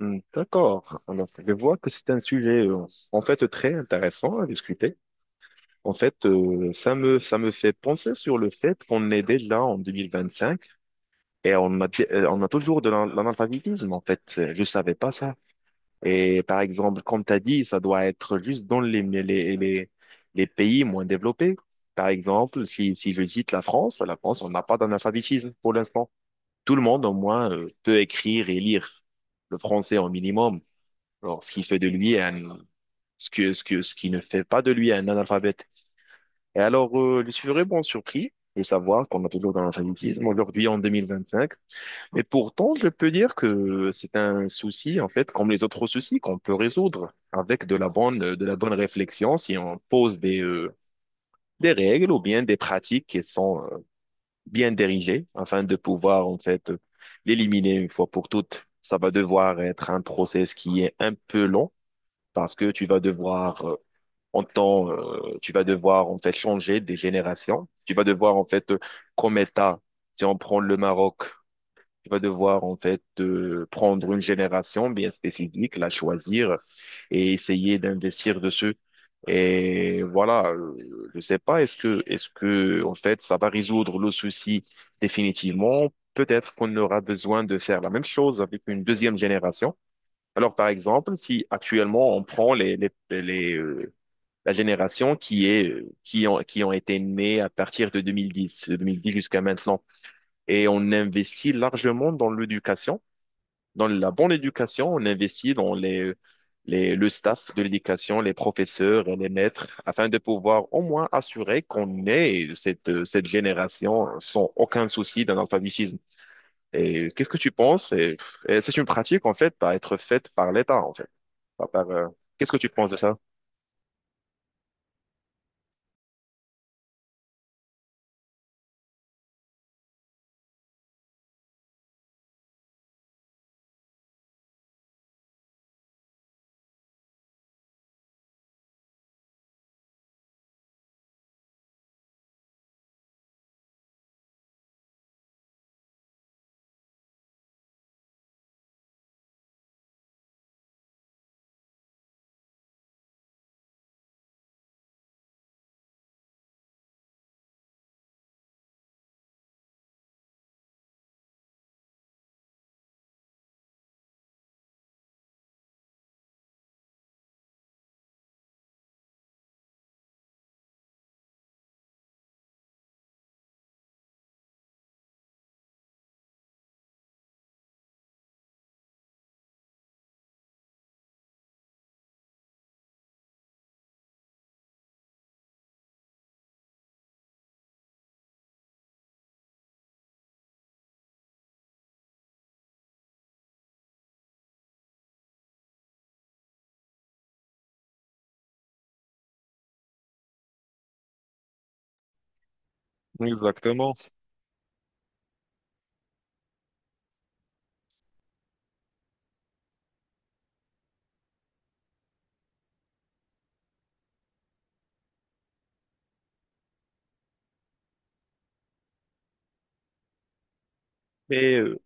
Hmm, d'accord. Alors, je vois que c'est un sujet, en fait, très intéressant à discuter. En fait, ça me fait penser sur le fait qu'on est déjà en 2025 et on a toujours l'analphabétisme, en fait. Je savais pas ça. Et par exemple, comme tu as dit, ça doit être juste dans les pays moins développés. Par exemple, si je cite la France, on n'a pas d'analphabétisme pour l'instant. Tout le monde, au moins, peut écrire et lire le français au minimum. Alors, ce qui ne fait pas de lui un analphabète. Et alors, je suis vraiment surpris de savoir qu'on a toujours dans l'alphabétisme aujourd'hui en 2025. Et pourtant, je peux dire que c'est un souci, en fait, comme les autres soucis qu'on peut résoudre avec de la bonne réflexion si on pose des règles ou bien des pratiques qui sont bien dirigées afin de pouvoir, en fait, l'éliminer une fois pour toutes. Ça va devoir être un process qui est un peu long parce que tu vas devoir tu vas devoir en fait changer des générations. Tu vas devoir en fait, comme État, si on prend le Maroc, tu vas devoir en fait prendre une génération bien spécifique, la choisir et essayer d'investir dessus. Et voilà, je sais pas, est-ce que en fait, ça va résoudre le souci définitivement? Peut-être qu'on aura besoin de faire la même chose avec une deuxième génération. Alors, par exemple, si actuellement on prend les, euh, la génération qui ont été nés à partir de 2010, de 2010 jusqu'à maintenant. Et on investit largement dans l'éducation, dans la bonne éducation, on investit dans le staff de l'éducation, les professeurs et les maîtres, afin de pouvoir au moins assurer qu'on ait cette génération sans aucun souci d'analphabétisme. Et qu'est-ce que tu penses? Et c'est une pratique, en fait, à être faite par l'État, en fait à part, qu'est-ce que tu penses de ça? Exactement. Mais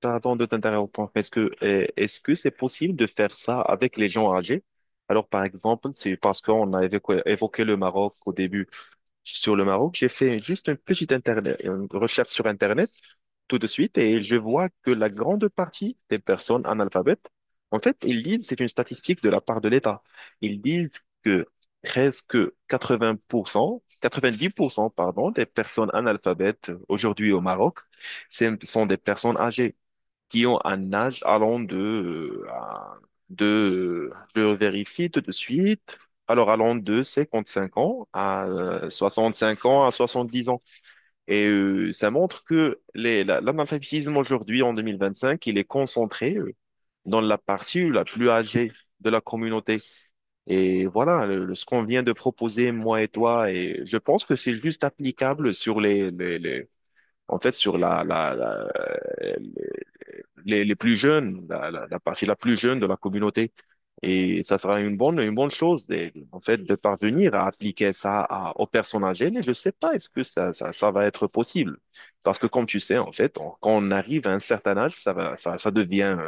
pardon de t'interrompre. Est-ce que c'est possible de faire ça avec les gens âgés? Alors par exemple, c'est parce qu'on a évoqué le Maroc au début. Sur le Maroc, j'ai fait juste une recherche sur Internet tout de suite et je vois que la grande partie des personnes analphabètes, en fait, ils disent, c'est une statistique de la part de l'État, ils disent que presque 80%, 90%, pardon, des personnes analphabètes aujourd'hui au Maroc, ce sont des personnes âgées qui ont un âge allant de, je vérifie tout de suite. Alors, allant de 55 ans à 65 ans à 70 ans. Et ça montre que l'analphabétisme aujourd'hui, en 2025, il est concentré dans la partie la plus âgée de la communauté. Et voilà, ce qu'on vient de proposer, moi et toi, et je pense que c'est juste applicable sur en fait, sur les plus jeunes, la partie la plus jeune de la communauté. Et ça sera une bonne chose, en fait, de parvenir à appliquer ça aux personnes âgées. Mais je sais pas, est-ce que ça va être possible? Parce que comme tu sais, en fait, quand on arrive à un certain âge, ça devient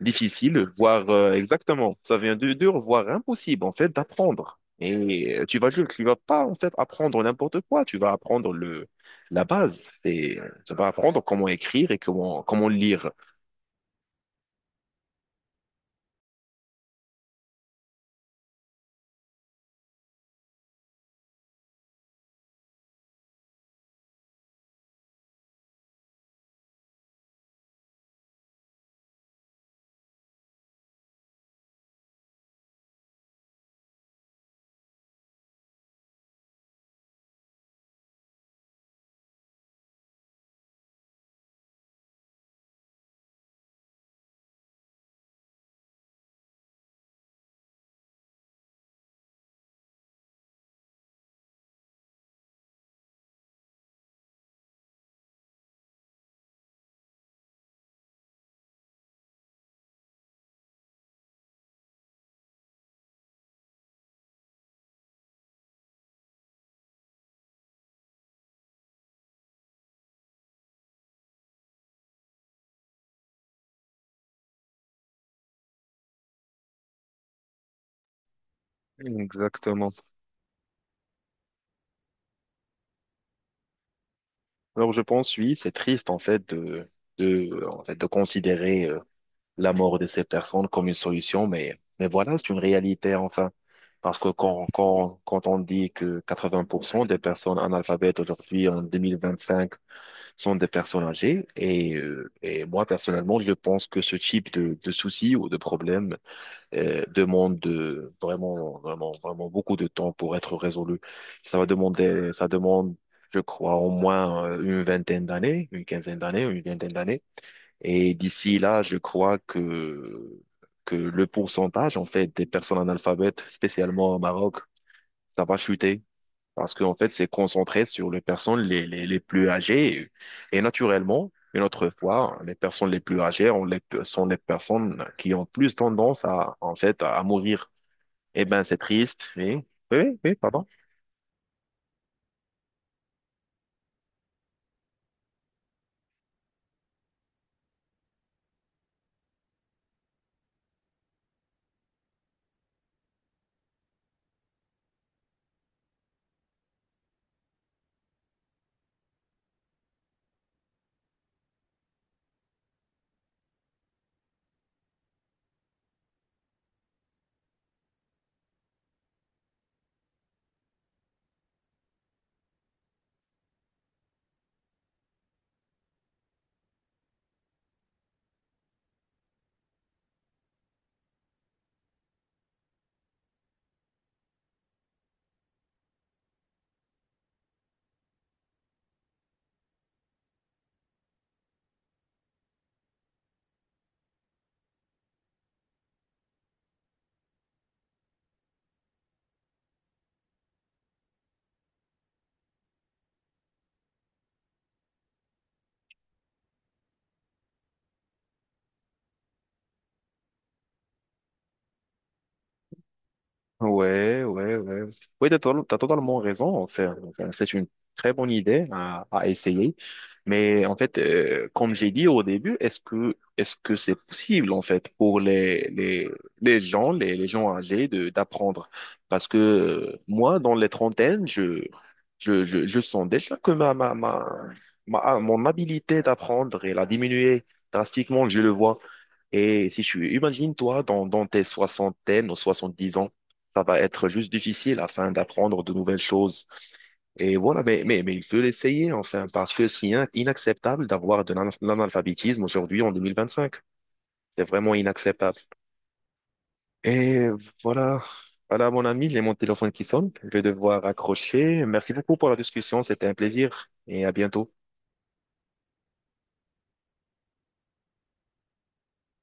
difficile, voire exactement, ça vient de dur, voire impossible en fait d'apprendre. Et tu vas pas en fait apprendre n'importe quoi, tu vas apprendre le la base, c'est tu vas apprendre comment écrire et comment lire. Exactement. Alors je pense oui, c'est triste en fait de en fait de considérer la mort de ces personnes comme une solution, mais voilà, c'est une réalité enfin. Parce que quand on dit que 80% des personnes analphabètes aujourd'hui en 2025 sont des personnes âgées, et moi personnellement, je pense que ce type de soucis ou de problèmes demande vraiment beaucoup de temps pour être résolu. Ça demande, je crois, au moins une vingtaine d'années, une quinzaine d'années, une vingtaine d'années. Et d'ici là, je crois que le pourcentage, en fait, des personnes analphabètes, spécialement au Maroc, ça va chuter. Parce qu'en fait, c'est concentré sur les personnes les plus âgées. Et, naturellement, une autre fois, les personnes les plus âgées sont les personnes qui ont plus tendance à, en fait, à mourir. Eh ben, c'est triste. Oui, oui, pardon. Ouais, ouais, ouais. Oui, t'as totalement raison. En fait. Enfin, c'est une très bonne idée à essayer. Mais en fait, comme j'ai dit au début, est-ce que c'est possible en fait pour les gens âgés de d'apprendre? Parce que moi, dans les trentaines, je sens déjà que mon habilité d'apprendre elle a diminué drastiquement. Je le vois. Et si tu imagines toi dans, dans tes soixantaines ou 70 ans, ça va être juste difficile afin d'apprendre de nouvelles choses. Et voilà, mais, mais il faut l'essayer enfin, parce que c'est inacceptable d'avoir l'analphabétisme aujourd'hui en 2025. C'est vraiment inacceptable. Et voilà, voilà mon ami, j'ai mon téléphone qui sonne. Je vais devoir accrocher. Merci beaucoup pour la discussion, c'était un plaisir et à bientôt.